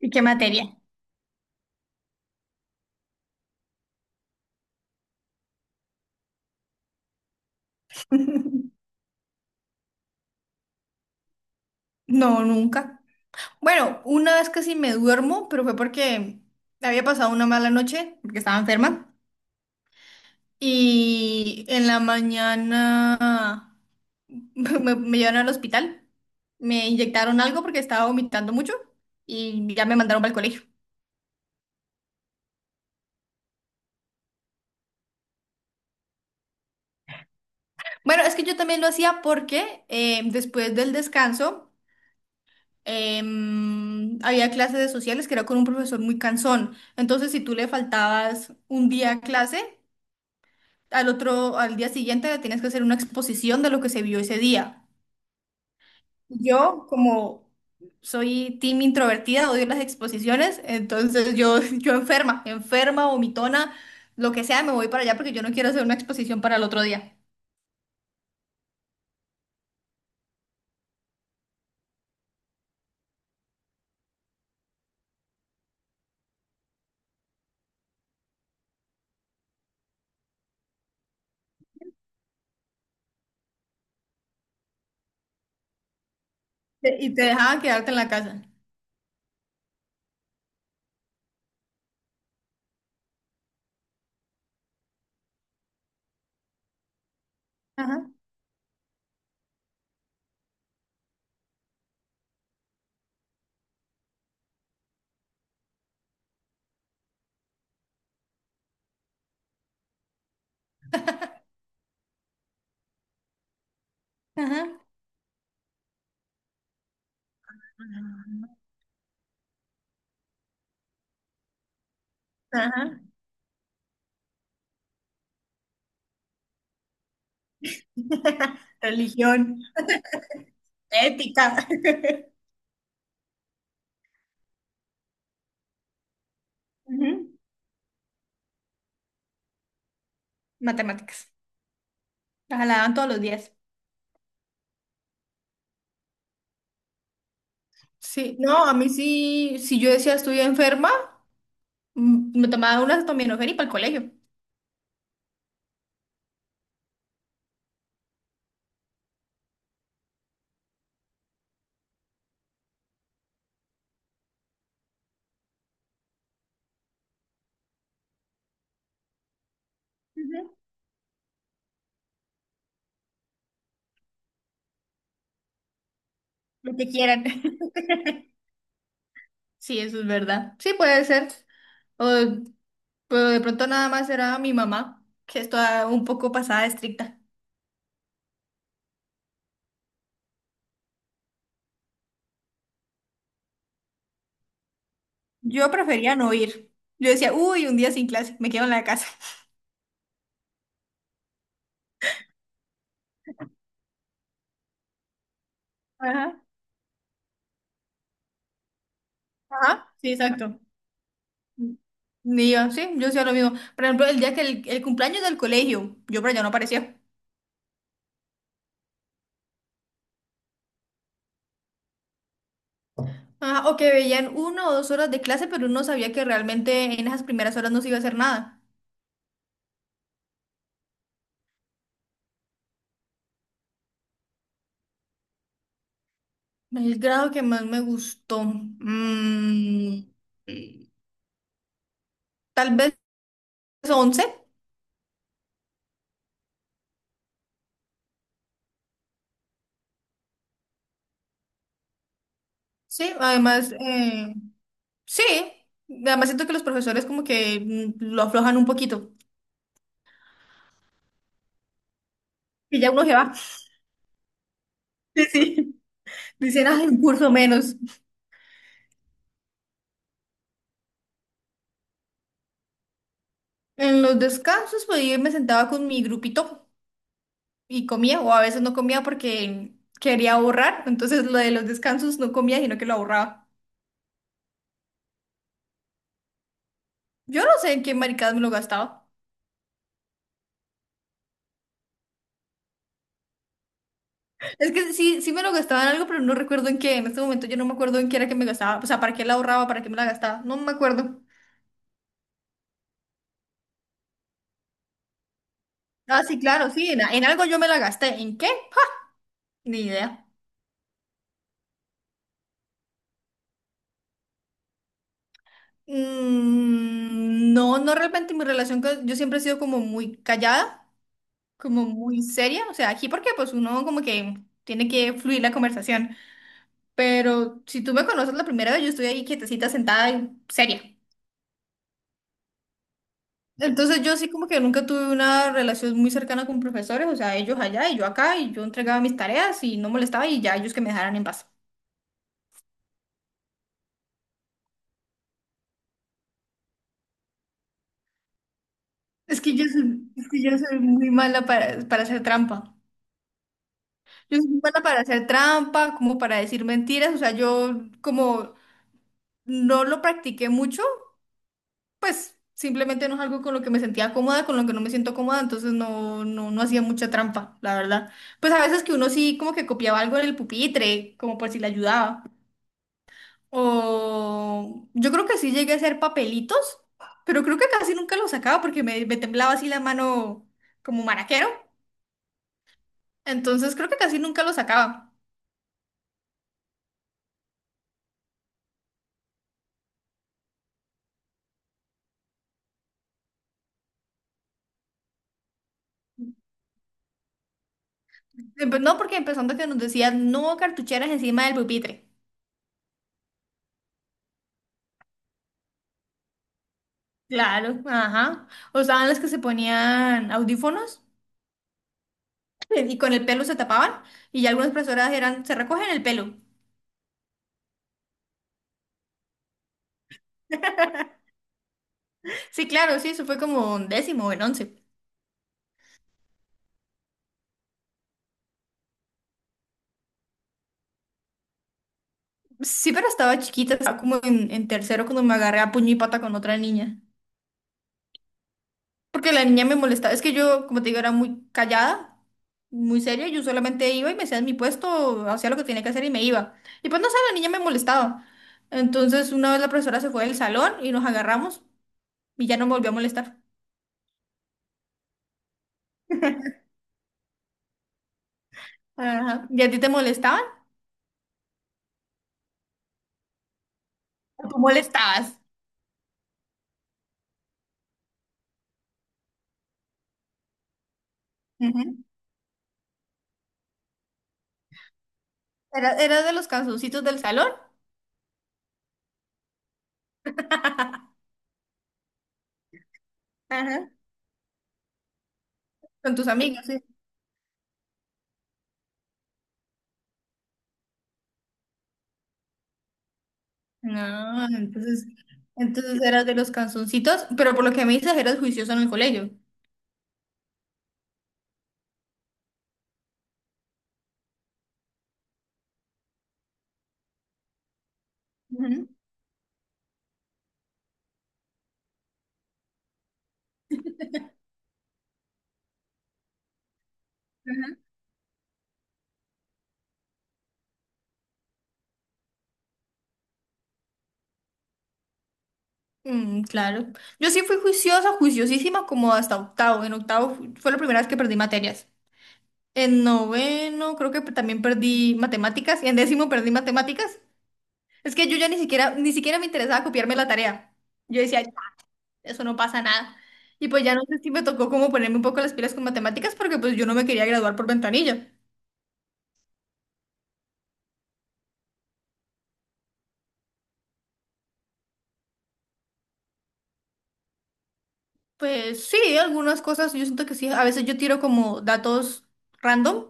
¿Y qué materia? No, nunca. Bueno, una vez casi me duermo, pero fue porque había pasado una mala noche, porque estaba enferma. Y en la mañana me llevaron al hospital. Me inyectaron algo porque estaba vomitando mucho y ya me mandaron para el colegio. Bueno, es que yo también lo hacía porque después del descanso había clases de sociales que era con un profesor muy cansón. Entonces, si tú le faltabas un día a clase, al otro, al día siguiente le tienes que hacer una exposición de lo que se vio ese día. Yo, como soy team introvertida, odio las exposiciones, entonces yo, yo enferma, enferma, vomitona, lo que sea, me voy para allá porque yo no quiero hacer una exposición para el otro día. Y te dejaban quedarte en la casa. Ajá, ajá, ajá. Religión, ética. Ujú. Matemáticas. Las daban todos los días. Sí, no, a mí sí, si yo decía estoy enferma. Mm, me tomaba una acetaminofén y para el colegio. Ujú. Lo que quieran. Sí, eso es verdad. Sí, puede ser. O, pero de pronto nada más era mi mamá, que es toda un poco pasada de estricta. Yo prefería no ir. Yo decía, uy, un día sin clase, me quedo en la casa. Ajá. Ajá, sí, exacto. Ni yo, sí, yo hacía lo mismo. Por ejemplo, el día que el cumpleaños del colegio, yo por allá no aparecía. Ajá, o que veían una o dos horas de clase, pero uno sabía que realmente en esas primeras horas no se iba a hacer nada. El grado que más me gustó. Tal vez 11 sí. Además, sí. Además siento que los profesores como que lo aflojan un poquito. Y ya uno se va. Sí, sí. Dicen, ah, un curso menos. En los descansos, pues yo me sentaba con mi grupito y comía, o a veces no comía porque quería ahorrar. Entonces lo de los descansos no comía, sino que lo ahorraba. Yo no sé en qué maricadas me lo gastaba. Es que sí, sí me lo gastaba en algo, pero no recuerdo en qué. En este momento yo no me acuerdo en qué era que me gastaba. O sea, para qué la ahorraba, para qué me la gastaba. No me acuerdo. Ah, sí, claro, sí. En algo yo me la gasté. ¿En qué? ¡Ja! Ni idea. Mm, no, no realmente mi relación con... Yo siempre he sido como muy callada, como muy seria. O sea, aquí porque pues uno como que tiene que fluir la conversación. Pero si tú me conoces la primera vez, yo estoy ahí quietecita, sentada y seria. Entonces yo sí como que nunca tuve una relación muy cercana con profesores, o sea, ellos allá y yo acá, y yo entregaba mis tareas y no molestaba y ya ellos que me dejaran en paz. Es que yo soy muy mala para hacer trampa. Yo soy muy mala para hacer trampa, como para decir mentiras, o sea, yo como no lo practiqué mucho, pues simplemente no es algo con lo que me sentía cómoda, con lo que no me siento cómoda, entonces no, no, no hacía mucha trampa, la verdad. Pues a veces que uno sí como que copiaba algo en el pupitre, como por si le ayudaba. O yo creo que sí llegué a hacer papelitos, pero creo que casi nunca los sacaba porque me temblaba así la mano como maraquero. Entonces creo que casi nunca los sacaba. No, porque empezando que nos decían no cartucheras encima del pupitre. Claro, ajá. O estaban las que se ponían audífonos y con el pelo se tapaban y ya algunas profesoras eran, se recogen el pelo. Sí, claro, sí, eso fue como en décimo o en once. Sí, pero estaba chiquita, estaba como en tercero cuando me agarré a puño y pata con otra niña. Porque la niña me molestaba. Es que yo, como te digo, era muy callada, muy seria. Yo solamente iba y me hacía en mi puesto, hacía lo que tenía que hacer y me iba. Y pues no sé, la niña me molestaba. Entonces, una vez la profesora se fue del salón y nos agarramos y ya no me volvió a molestar. Ajá. ¿Y a ti te molestaban? ¿O tú molestabas? Ujú. ¿Eras de los canzoncitos del salón? Ajá. Con tus amigos, sí. No, entonces, entonces eras de los canzoncitos, pero por lo que me dices, eras juicioso en el colegio. Ujú. Ujú. Mm, claro. Yo sí fui juiciosa, juiciosísima, como hasta octavo. En octavo fue la primera vez que perdí materias. En noveno creo que también perdí matemáticas. Y en décimo perdí matemáticas. Es que yo ya ni siquiera, ni siquiera me interesaba copiarme la tarea. Yo decía, "Ya, eso no pasa nada. Y pues ya no sé si me tocó como ponerme un poco las pilas con matemáticas porque pues yo no me quería graduar por ventanilla. Pues sí, algunas cosas yo siento que sí. A veces yo tiro como datos random,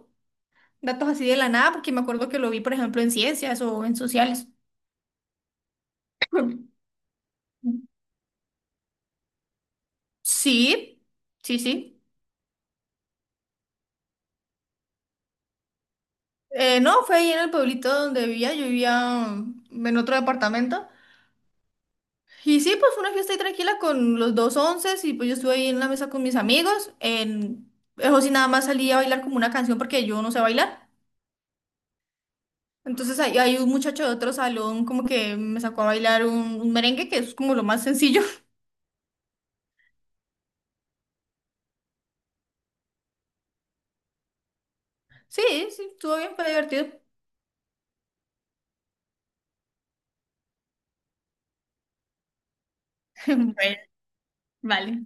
datos así de la nada, porque me acuerdo que lo vi, por ejemplo, en ciencias o en sociales. Sí, sí, sí. No, fue ahí en el pueblito donde vivía, yo vivía en otro departamento. Y sí, pues fue una fiesta ahí tranquila con los dos onces y pues yo estuve ahí en la mesa con mis amigos. En... Eso sí, nada más salí a bailar como una canción porque yo no sé bailar. Entonces ahí, hay un muchacho de otro salón como que me sacó a bailar un merengue que es como lo más sencillo. Sí, sí, estuvo bien, fue divertido. Bueno, vale.